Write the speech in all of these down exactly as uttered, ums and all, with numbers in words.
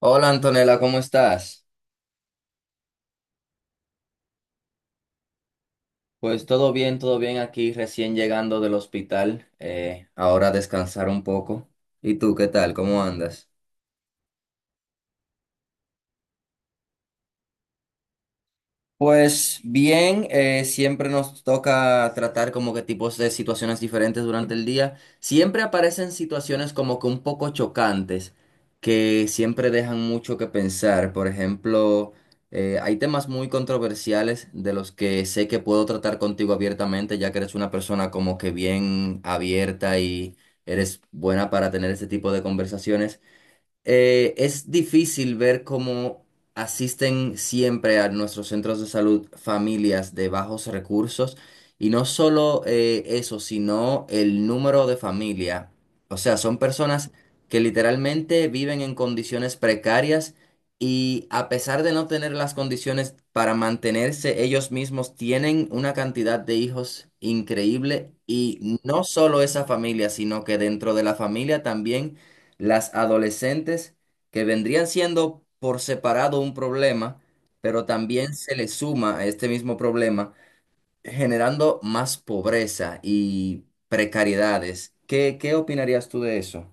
Hola Antonella, ¿cómo estás? Pues todo bien, todo bien aquí, recién llegando del hospital, eh, ahora a descansar un poco. ¿Y tú qué tal? ¿Cómo andas? Pues bien, eh, siempre nos toca tratar como que tipos de situaciones diferentes durante el día. Siempre aparecen situaciones como que un poco chocantes, que siempre dejan mucho que pensar. Por ejemplo, eh, hay temas muy controversiales de los que sé que puedo tratar contigo abiertamente, ya que eres una persona como que bien abierta y eres buena para tener ese tipo de conversaciones. Eh, es difícil ver cómo asisten siempre a nuestros centros de salud familias de bajos recursos y no solo eh, eso, sino el número de familia. O sea, son personas que literalmente viven en condiciones precarias y a pesar de no tener las condiciones para mantenerse ellos mismos, tienen una cantidad de hijos increíble y no solo esa familia, sino que dentro de la familia también las adolescentes que vendrían siendo por separado un problema, pero también se le suma a este mismo problema, generando más pobreza y precariedades. ¿Qué, qué opinarías tú de eso?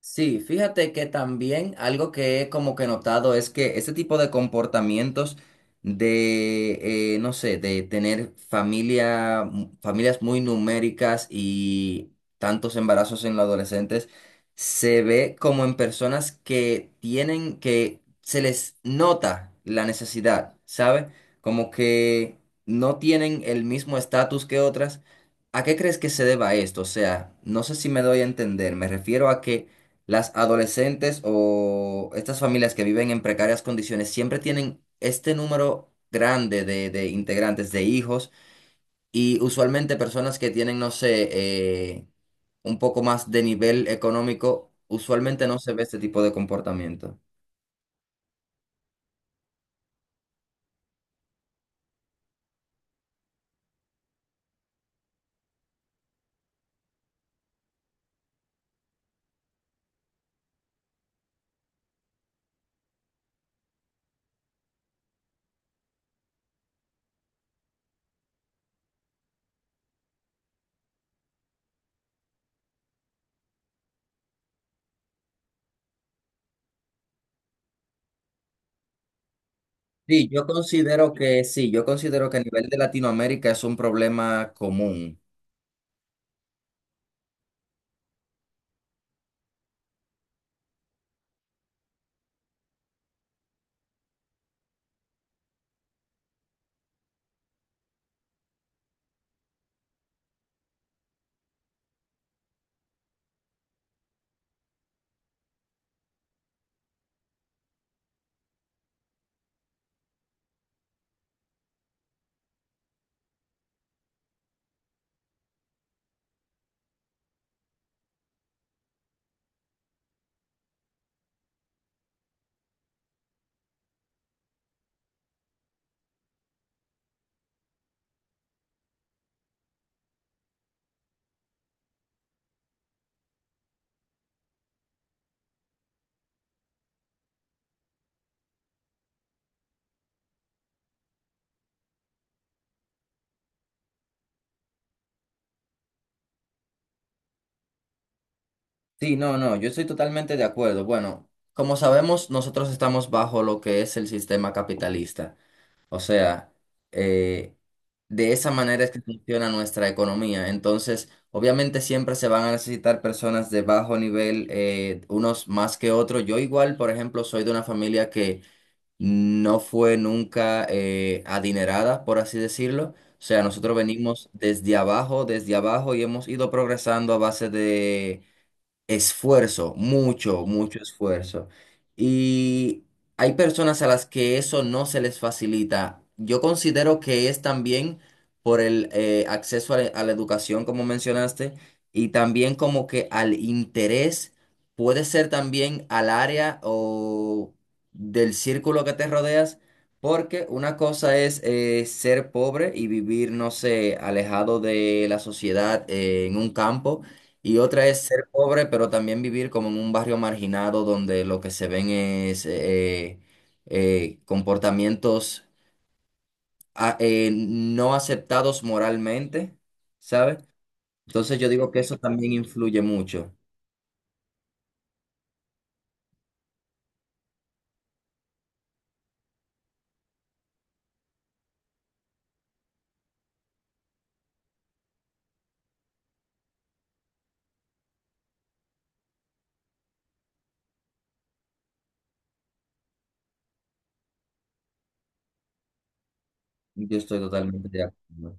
Sí, fíjate que también algo que he como que notado es que ese tipo de comportamientos de, eh, no sé, de tener familia, mu- familias muy numéricas y tantos embarazos en los adolescentes, se ve como en personas que tienen, que se les nota la necesidad, ¿sabe? Como que no tienen el mismo estatus que otras. ¿A qué crees que se deba esto? O sea, no sé si me doy a entender, me refiero a que las adolescentes o estas familias que viven en precarias condiciones siempre tienen este número grande de, de integrantes, de hijos, y usualmente personas que tienen, no sé, eh, un poco más de nivel económico, usualmente no se ve este tipo de comportamiento. Sí, yo considero que sí, yo considero que a nivel de Latinoamérica es un problema común. Sí, no, no, yo estoy totalmente de acuerdo. Bueno, como sabemos, nosotros estamos bajo lo que es el sistema capitalista. O sea, eh, de esa manera es que funciona nuestra economía. Entonces, obviamente siempre se van a necesitar personas de bajo nivel, eh, unos más que otros. Yo igual, por ejemplo, soy de una familia que no fue nunca eh, adinerada, por así decirlo. O sea, nosotros venimos desde abajo, desde abajo y hemos ido progresando a base de esfuerzo, mucho, mucho esfuerzo. Y hay personas a las que eso no se les facilita. Yo considero que es también por el eh, acceso a la, a la educación, como mencionaste, y también como que al interés, puede ser también al área o del círculo que te rodeas, porque una cosa es eh, ser pobre y vivir, no sé, alejado de la sociedad eh, en un campo. Y otra es ser pobre, pero también vivir como en un barrio marginado donde lo que se ven es eh, eh, comportamientos a- eh, no aceptados moralmente, ¿sabes? Entonces yo digo que eso también influye mucho. Yo estoy totalmente de acuerdo.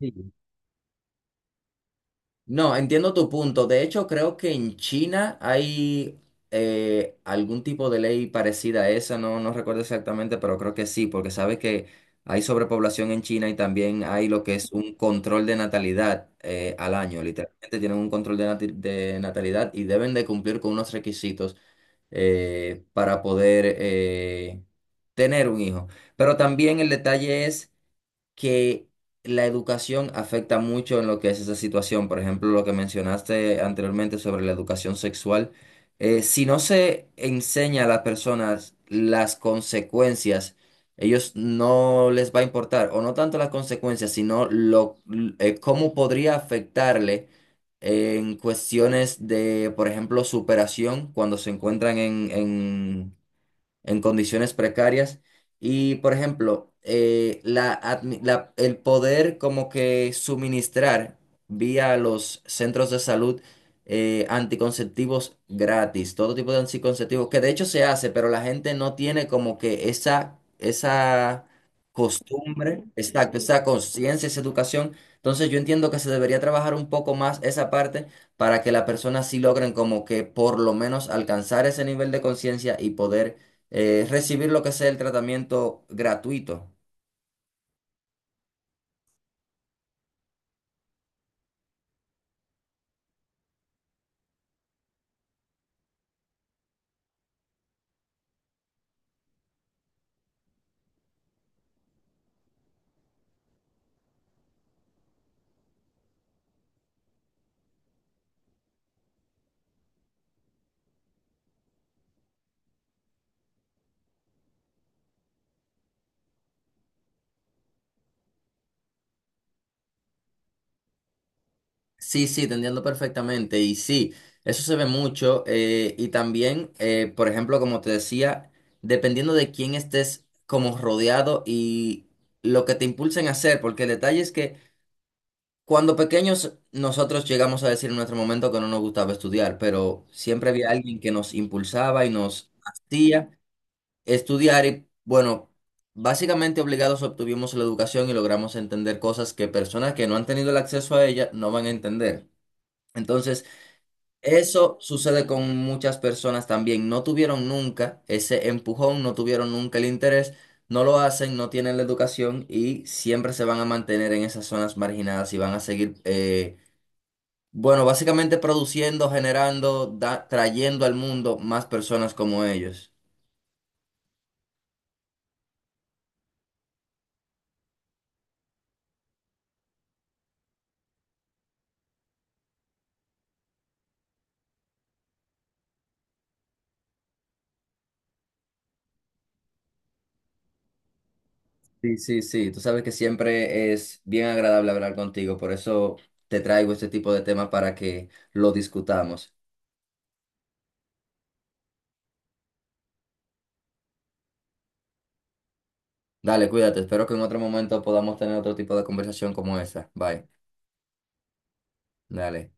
Sí. No, entiendo tu punto. De hecho, creo que en China hay eh, algún tipo de ley parecida a esa, no, no recuerdo exactamente, pero creo que sí, porque sabes que hay sobrepoblación en China y también hay lo que es un control de natalidad eh, al año. Literalmente tienen un control de, nati- de natalidad y deben de cumplir con unos requisitos eh, para poder eh, tener un hijo. Pero también el detalle es que la educación afecta mucho en lo que es esa situación. Por ejemplo, lo que mencionaste anteriormente sobre la educación sexual. Eh, si no se enseña a las personas las consecuencias, ellos no les va a importar, o no tanto las consecuencias, sino lo, eh, cómo podría afectarle en cuestiones de, por ejemplo, superación cuando se encuentran en, en en condiciones precarias. Y, por ejemplo, eh, la, admi- la- el poder como que suministrar vía los centros de salud eh, anticonceptivos gratis, todo tipo de anticonceptivos, que de hecho se hace, pero la gente no tiene como que esa, esa costumbre, exacto, esa conciencia, esa educación. Entonces yo entiendo que se debería trabajar un poco más esa parte para que las personas sí logren como que por lo menos alcanzar ese nivel de conciencia y poder eh, recibir lo que sea el tratamiento gratuito. Sí, sí, te entiendo perfectamente. Y sí, eso se ve mucho. Eh, y también, eh, por ejemplo, como te decía, dependiendo de quién estés como rodeado y lo que te impulsen a hacer, porque el detalle es que cuando pequeños nosotros llegamos a decir en nuestro momento que no nos gustaba estudiar, pero siempre había alguien que nos impulsaba y nos hacía estudiar y, bueno, básicamente obligados obtuvimos la educación y logramos entender cosas que personas que no han tenido el acceso a ella no van a entender. Entonces, eso sucede con muchas personas también. No tuvieron nunca ese empujón, no tuvieron nunca el interés, no lo hacen, no tienen la educación y siempre se van a mantener en esas zonas marginadas y van a seguir, eh, bueno, básicamente produciendo, generando, da- trayendo al mundo más personas como ellos. Sí, sí, sí, tú sabes que siempre es bien agradable hablar contigo, por eso te traigo este tipo de temas para que lo discutamos. Dale, cuídate, espero que en otro momento podamos tener otro tipo de conversación como esa. Bye, dale.